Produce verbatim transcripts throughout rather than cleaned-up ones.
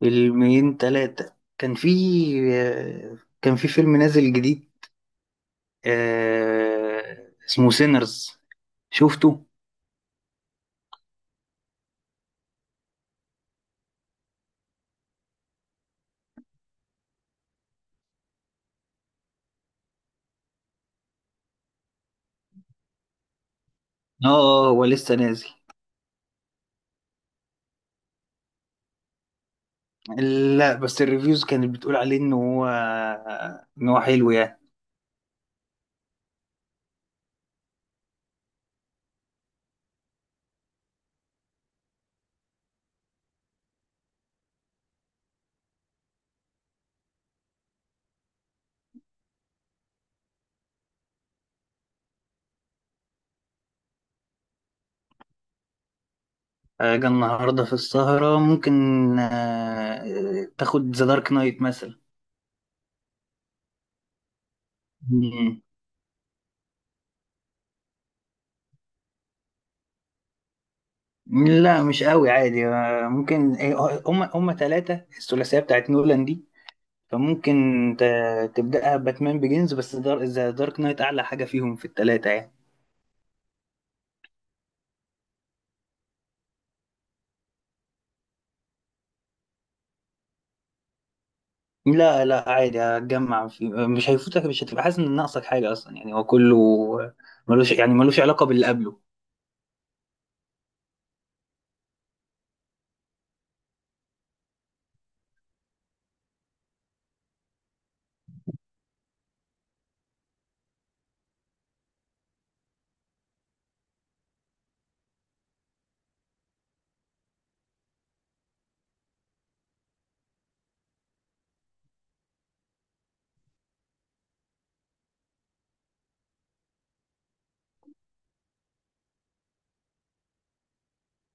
فيلمين تلاتة. كان في آه، كان في فيلم نازل جديد، آه، اسمه سينرز. شفته؟ اه، آه، هو لسه نازل. لا بس الريفيوز كانت بتقول عليه ان هو ان هو حلو يعني. آه، جه النهارده في السهرة ممكن. آه، تاخد ذا دارك نايت مثلا. مم. لا مش قوي عادي، آه، ممكن. هم هم ثلاثة، الثلاثية بتاعت نولان دي، فممكن ت- تبدأها باتمان بيجنز، بس دار ذا دارك نايت أعلى حاجة فيهم في التلاتة يعني. لا لا، عادي هتجمع، في مش هيفوتك، مش هتبقى حاسس إن ناقصك حاجة أصلا، يعني هو كله ملوش، يعني ملوش علاقة باللي قبله.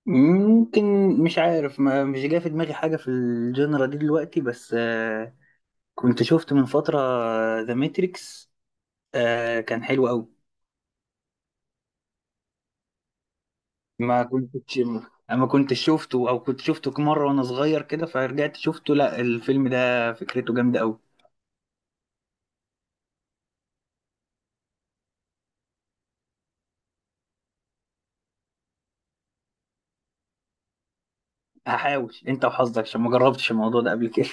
ممكن. مش عارف، ما مش جاي في دماغي حاجة في الجنرا دي دلوقتي، بس آه، كنت شفت من فترة ذا ماتريكس، كان حلو أوي. ما كنتش ما كنتش شفته، أو كنت شفته مرة وأنا صغير كده، فرجعت شفته. لا الفيلم ده فكرته جامدة أوي. هحاول، انت وحظك عشان ما جربتش الموضوع ده قبل كده.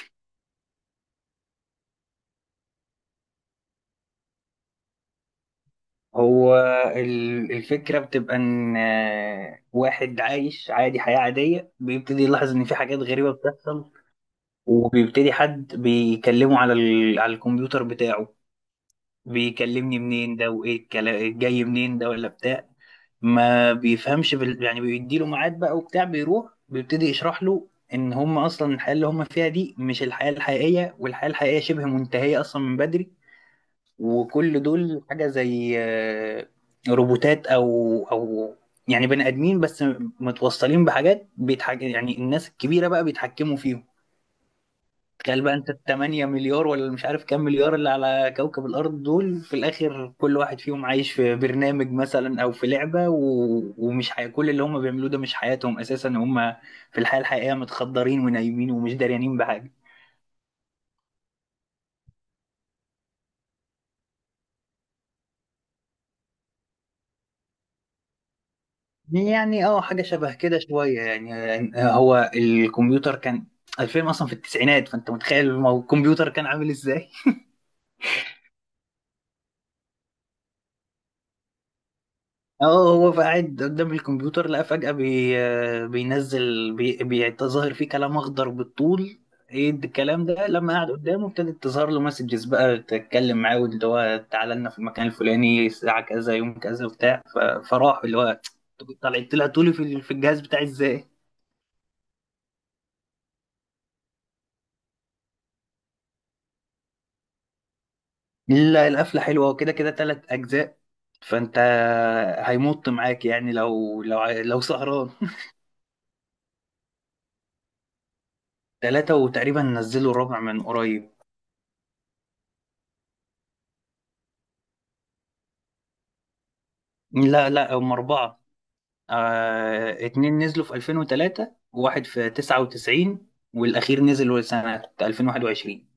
هو ال- الفكره بتبقى ان آه، واحد عايش عادي حياه عاديه، بيبتدي يلاحظ ان في حاجات غريبه بتحصل، وبيبتدي حد بيكلمه على ال... على الكمبيوتر بتاعه. بيكلمني منين ده، وايه الكلام جاي منين ده ولا بتاع، ما بيفهمش بال... يعني. بيديله ميعاد بقى وبتاع، بيروح بيبتدي يشرح له ان هم اصلا الحياه اللي هم فيها دي مش الحياه الحقيقيه، والحياه الحقيقيه شبه منتهيه اصلا من بدري، وكل دول حاجة زي آه، روبوتات، أو أو يعني بني آدمين بس متوصلين بحاجات بيتحك... يعني الناس الكبيرة بقى بيتحكموا فيهم. تخيل بقى أنت التمانية مليار، ولا مش عارف كام مليار اللي على كوكب الأرض دول، في الآخر كل واحد فيهم عايش في برنامج مثلا أو في لعبة و... ومش حي... كل اللي هم بيعملوه ده مش حياتهم أساسا، هم في الحياة الحقيقية متخدرين ونايمين ومش داريانين بحاجة. يعني اه، حاجة شبه كده شوية، يعني يعني آه، هو الكمبيوتر كان الفيلم أصلا في التسعينات، فأنت متخيل المو- الكمبيوتر كان عامل إزاي؟ اه هو قاعد قدام الكمبيوتر لقى فجأة بي آه، بينزل، بي بيتظاهر فيه كلام أخضر بالطول. ايه ده الكلام ده؟ لما قعد قدامه ابتدت تظهر له مسجز بقى تتكلم معاه، واللي هو تعالى لنا في المكان الفلاني الساعة كذا يوم كذا وبتاع، ف- فراح اللي هو طلع طلع طولي في في الجهاز بتاعي ازاي. لا القفلة حلوة، وكده كده تلات أجزاء، فأنت هيمط معاك يعني لو لو ع- لو سهران. تلاتة، وتقريبا نزلوا الرابع من قريب. لا لا، هم أربعة. آه اتنين نزلوا في ألفين وثلاثة، وواحد في تسعة وتسعين، والأخير نزل سنة ألفين وواحد وعشرين.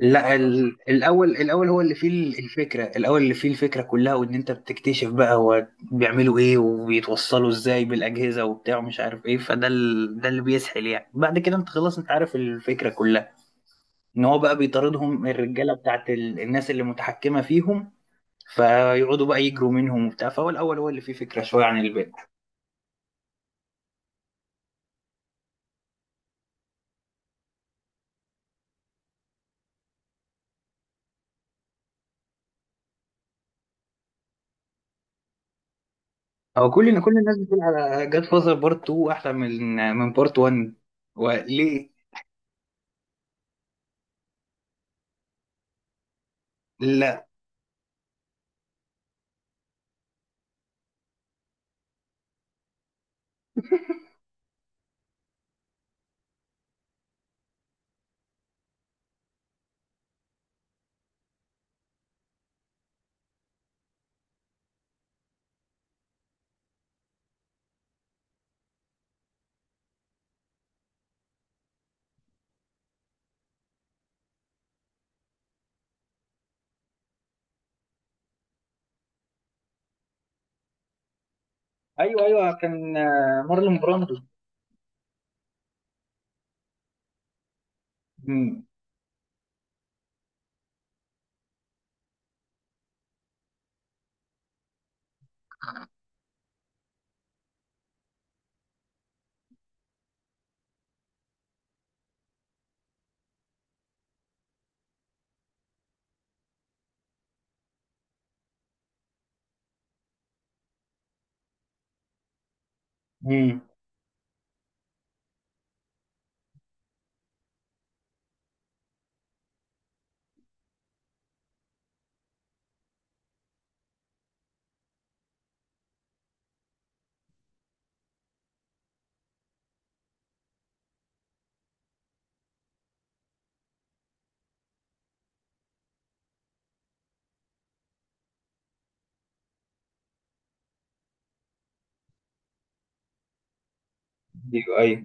لا ال- الاول الاول هو اللي فيه ال- الفكره، الاول اللي فيه الفكره كلها، وان انت بتكتشف بقى هو بيعملوا ايه وبيتوصلوا ازاي بالاجهزه وبتاع ومش عارف ايه، فده ال... ده اللي بيسحل يعني. بعد كده انت خلاص انت عارف الفكره كلها، ان هو بقى بيطاردهم الرجاله بتاعت ال... الناس اللي متحكمه فيهم، فيقعدوا بقى يجروا منهم وبتاع. فهو الاول هو اللي فيه فكره شويه عن الباقي. هو كل ان كل الناس بتقول على جاد فازر بارت اتنين احلى من من بارت واحد، وليه؟ لا. ايوه ايوه، كان آه، مارلون براندو. امم، امم. ايوه ايوه.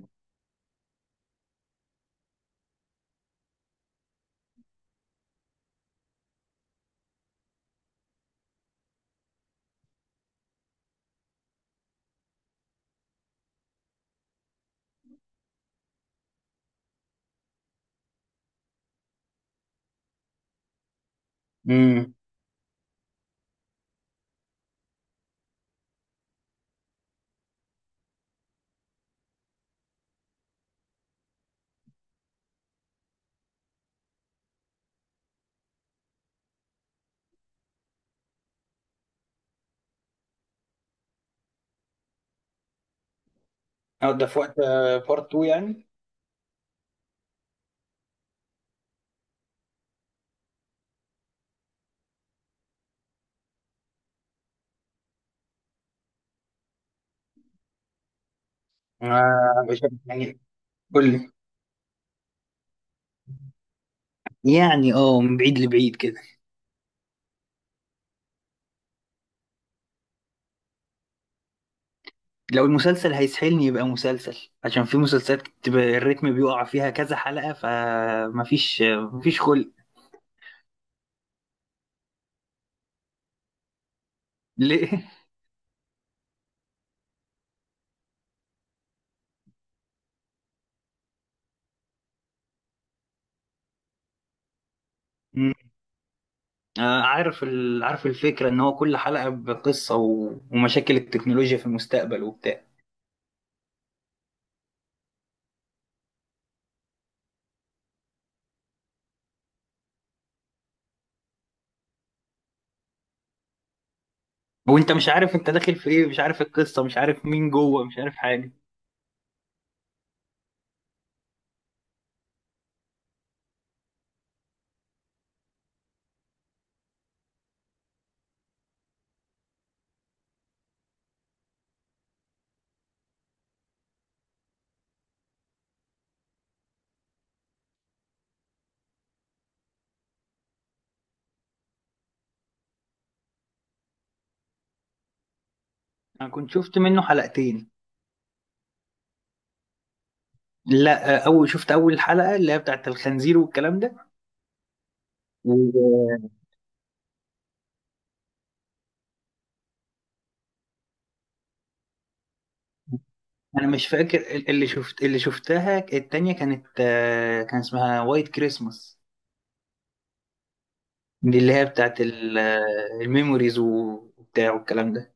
امم. اه ده في وقت بارت اتنين يعني. آه مش- عارف يعني. قول لي. يعني اه، من بعيد لبعيد كده. لو المسلسل هيسحلني يبقى مسلسل، عشان في مسلسلات بتبقى الريتم بيقع فيها كذا حلقة فمفيش، مفيش خلق. ليه؟ مم. آه، عارف ال... عارف الفكرة ان هو كل حلقة بقصة و... ومشاكل التكنولوجيا في المستقبل وبتاع، وانت مش عارف انت داخل في ايه، مش عارف القصة، مش عارف مين جوه، مش عارف حاجة. انا كنت شفت منه حلقتين. لا اول شفت اول حلقه اللي هي بتاعت الخنزير والكلام ده. وانا مش فاكر اللي شفت اللي شفتها، التانية كانت آه، كان اسمها وايت كريسماس. دي اللي هي بتاعت ال- آه، الميموريز وبتاع والكلام ده.